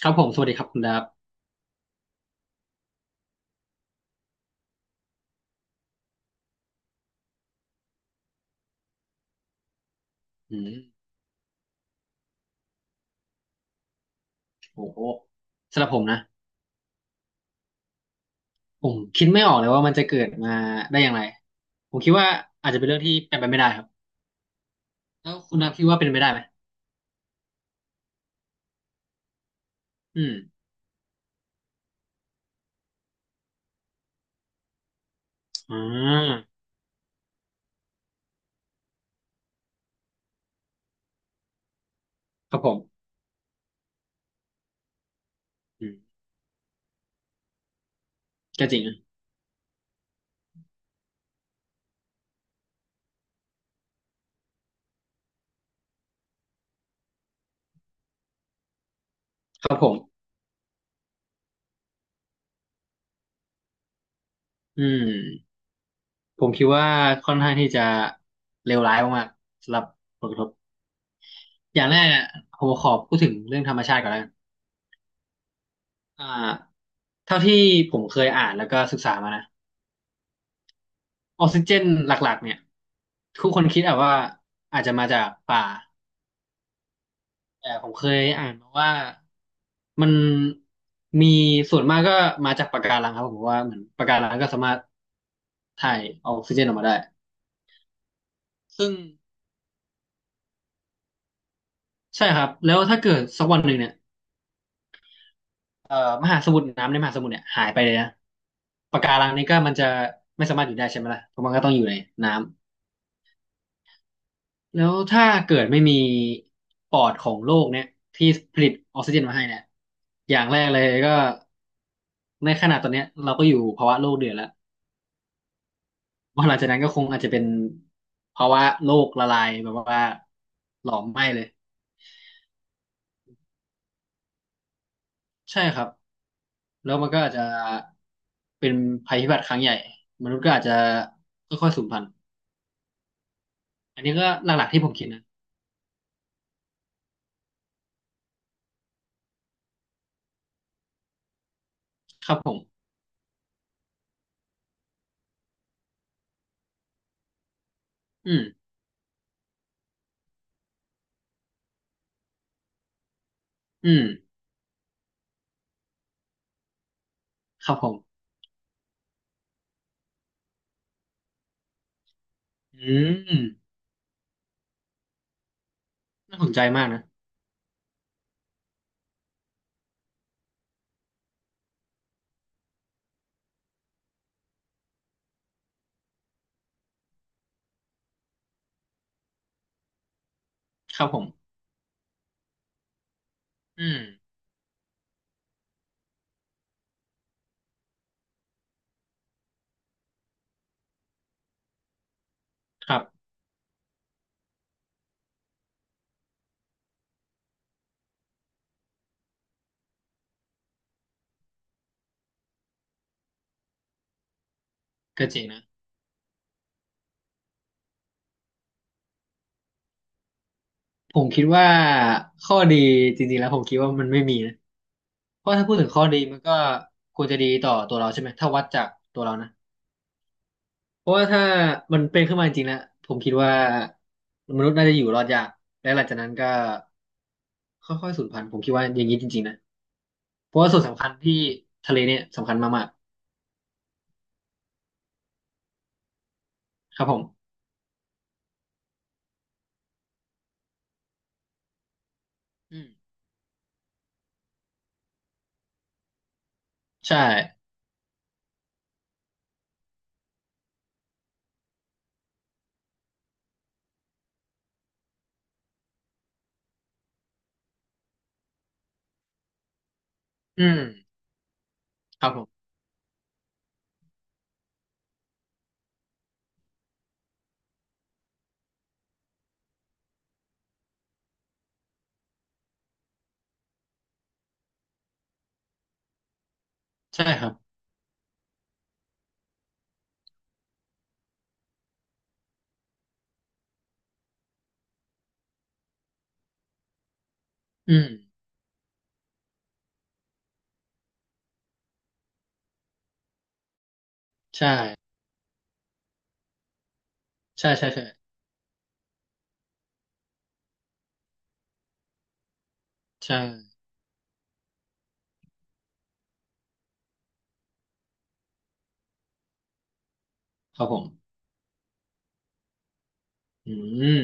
ครับผมสวัสดีครับคุณดับอืมโอ้โหสำหรับผมนะผมคิดไม่ออกเลยว่ามันจะเกิดมาได้อย่างไรผมคิดว่าอาจจะเป็นเรื่องที่เป็นไปไม่ได้ครับแล้วคุณดับคิดว่าเป็นไปได้ไหมอืมอ่าครับผมอืมก็จริงนะครับผมอืมผมคิดว่าค่อนข้างที่จะเลวร้ายมากๆสำหรับผลกระทบอย่างแรกเนี่ยผมขอพูดถึงเรื่องธรรมชาติก่อนแล้วกันอ่าเท่าที่ผมเคยอ่านแล้วก็ศึกษามานะ ออกซิเจนหลักๆเนี่ยทุกคนคิดอะว่าอาจจะมาจากป่าแต่ผมเคยอ่านมาว่ามันมีส่วนมากก็มาจากปะการังครับผมเพราะว่าเหมือนปะการังก็สามารถถ่ายออกซิเจนออกมาได้ซึ่งใช่ครับแล้วถ้าเกิดสักวันหนึ่งเนี่ยเอ่อมหาสมุทรน้ำในมหาสมุทรเนี่ยหายไปเลยนะปะการังนี้ก็มันจะไม่สามารถอยู่ได้ใช่ไหมล่ะเพราะมันก็ต้องอยู่ในน้ำ แล้วถ้าเกิดไม่มีปอดของโลกเนี่ยที่ผลิตออกซิเจนมาให้เนี่ยอย่างแรกเลยก็ในขณะตอนเนี้ยเราก็อยู่ภาวะโลกเดือดแล้ววันหลังจากนั้นก็คงอาจจะเป็นภาวะโลกละลายแบบว่าหลอมไหม้เลยใช่ครับแล้วมันก็อาจจะเป็นภัยพิบัติครั้งใหญ่มนุษย์ก็อาจจะค่อยๆสูญพันธุ์อันนี้ก็หลักๆที่ผมคิดนะครับผมอืมอืมครับผมอืมน่าสนใจมากนะครับผมอืมครับ ก็จริงนะผมคิดว่าข้อดีจริงๆแล้วผมคิดว่ามันไม่มีนะเพราะถ้าพูดถึงข้อดีมันก็ควรจะดีต่อตัวเราใช่ไหมถ้าวัดจากตัวเรานะเพราะว่าถ้ามันเป็นขึ้นมาจริงๆนะผมคิดว่ามนุษย์น่าจะอยู่รอดยากและหลังจากนั้นก็ค่อยๆสูญพันธุ์ผมคิดว่าอย่างนี้จริงๆนะเพราะว่าส่วนสำคัญที่ทะเลเนี่ยสำคัญมากๆครับผมอืมใช่อืมครับผมใช่ครับอืมใช่ใช่ใช่ใช่ใช่ครับผมอืม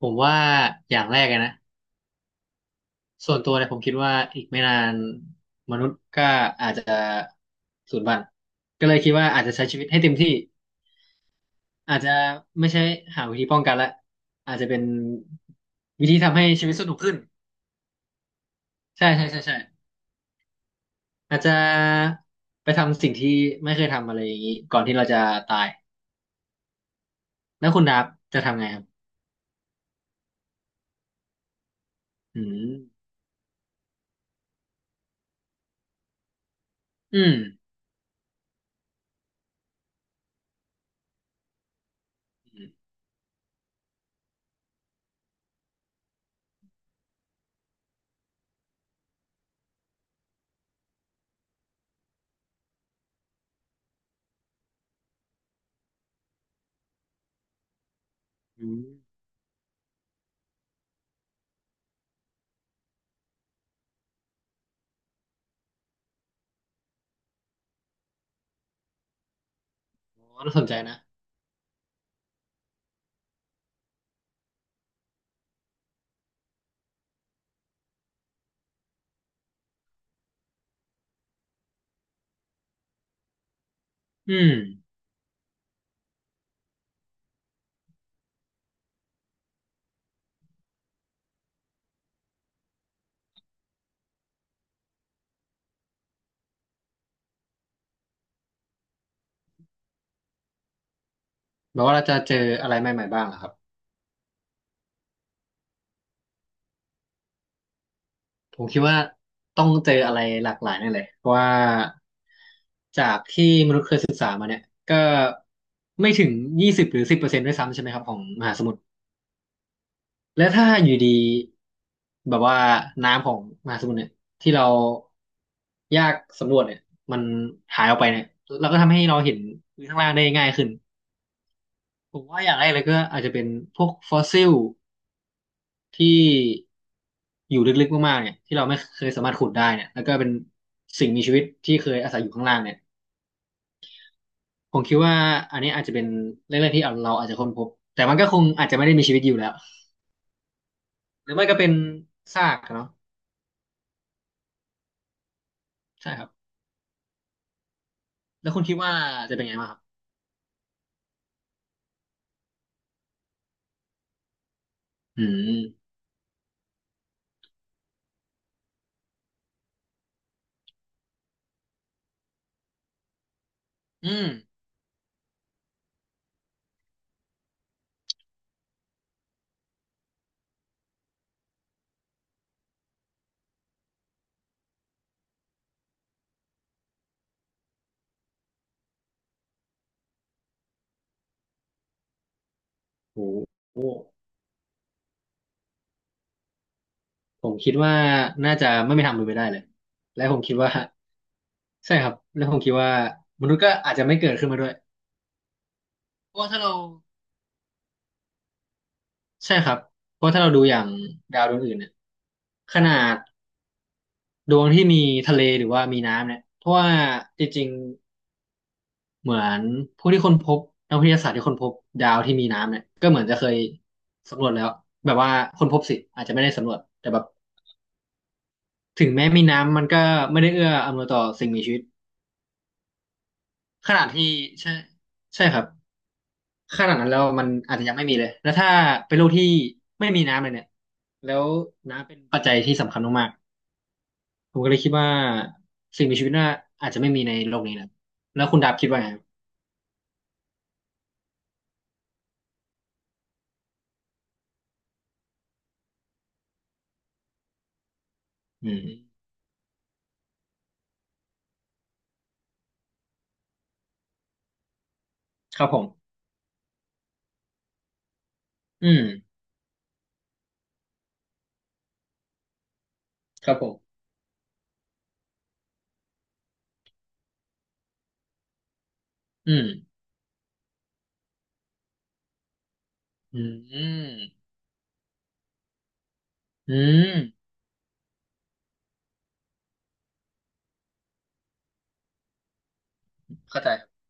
ผมว่าอย่างแรกเลยนะ ส่วนตัวเนี่ยผมคิดว่าอีกไม่นานมนุษย์ก็อาจจะสูญพันธุ์ก็เลยคิดว่าอาจจะใช้ชีวิตให้เต็มที่อาจจะไม่ใช่หาวิธีป้องกันละอาจจะเป็นวิธีทำให้ชีวิตสนุกขึ้นใช่ใช่ใช่ใช่อาจจะไปทำสิ่งที่ไม่เคยทำอะไรอย่างนี้ก่อนที่เราจะตายแล้วคุณดับจะทำไงครับอืมอืมอืมอืมโอ้น่าสนใจนะอืมแปลว่าเราจะเจออะไรใหม่ๆบ้างเหรอครับ ผมคิดว่าต้องเจออะไรหลากหลายแน่เลยเพราะว่าจากที่มนุษย์เคยก็ไม่ถึง20 หรือ 10%ด้วยซ้ำใช่ไหมครับของมหาสมุทรและถ้าอยู่ดีแบบว่าน้ำของมหาสมุทรเนี่ยที่เรายากสำรวจเนี่ยมันหายออกไปเนี่ยแล้วก็ทำให้เราเห็นพื้นข้างล่างได้ง่ายขึ้นผมว่าอย่างแรกเลยก็อาจจะเป็นพวกฟอสซิล ที่อยู่ลึกๆมากๆเนี่ยที่เราไม่เคยสามารถขุดได้เนี่ยแล้วก็เป็นสิ่งมีชีวิตที่เคยอาศัยอยู่ข้างล่างเนี่ยผมคิดว่าอันนี้อาจจะเป็นเรื่องแรกที่เราอาจจะค้นพบแต่มันก็คงอาจจะไม่ได้มีชีวิตอยู่แล้วหรือไม่ก็เป็นซากอะเนาะใช่ครับแล้วคุณคิดว่าจะเป็นไงบ้างครับอืมอืมโหโหผมคิดว่าน่าจะไม่มีทางเป็นไปได้เลยและผมคิดว่าใช่ครับแล้วผมคิดว่ามนุษย์ก็อาจจะไม่เกิดขึ้นมาด้วยเพราะว่าถ้าเรา ใช่ครับเพราะถ้าเราดูอย่างดาวดวงอื่นเนี่ยขนาดดวงที่มีทะเลหรือว่ามีน้ำเนี่ยเพราะว่าจริงๆเหมือนผู้ที่ค้นพบนักวิทยาศาสตร์ที่ค้นพบดาวที่มีน้ำเนี่ยก็เหมือนจะเคยสำรวจแล้วแบบว่าค้นพบสิอาจจะไม่ได้สำรวจแต่แบบถึงแม้มีน้ำมันก็ไม่ได้เอื้ออำนวยต่อสิ่งมีชีวิตขนาดที่ใช่ใช่ครับขนาดนั้นแล้วมันอาจจะยังไม่มีเลยแล้วถ้าเป็นโลกที่ไม่มีน้ำเลยเนี่ยแล้วน้ำเป็นปัจจัยที่สำคัญมาก ผมก็เลยคิดว่าสิ่งมีชีวิตน่าอาจจะไม่มีในโลกนี้นะแล้วคุณดับคิดว่าไงครับอืมครับผมอืมครับผมอืมอืมอืมเข้าใจครับ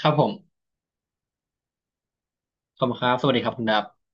ครับผมขอบคุณครับสวัสดีครับคุณดับ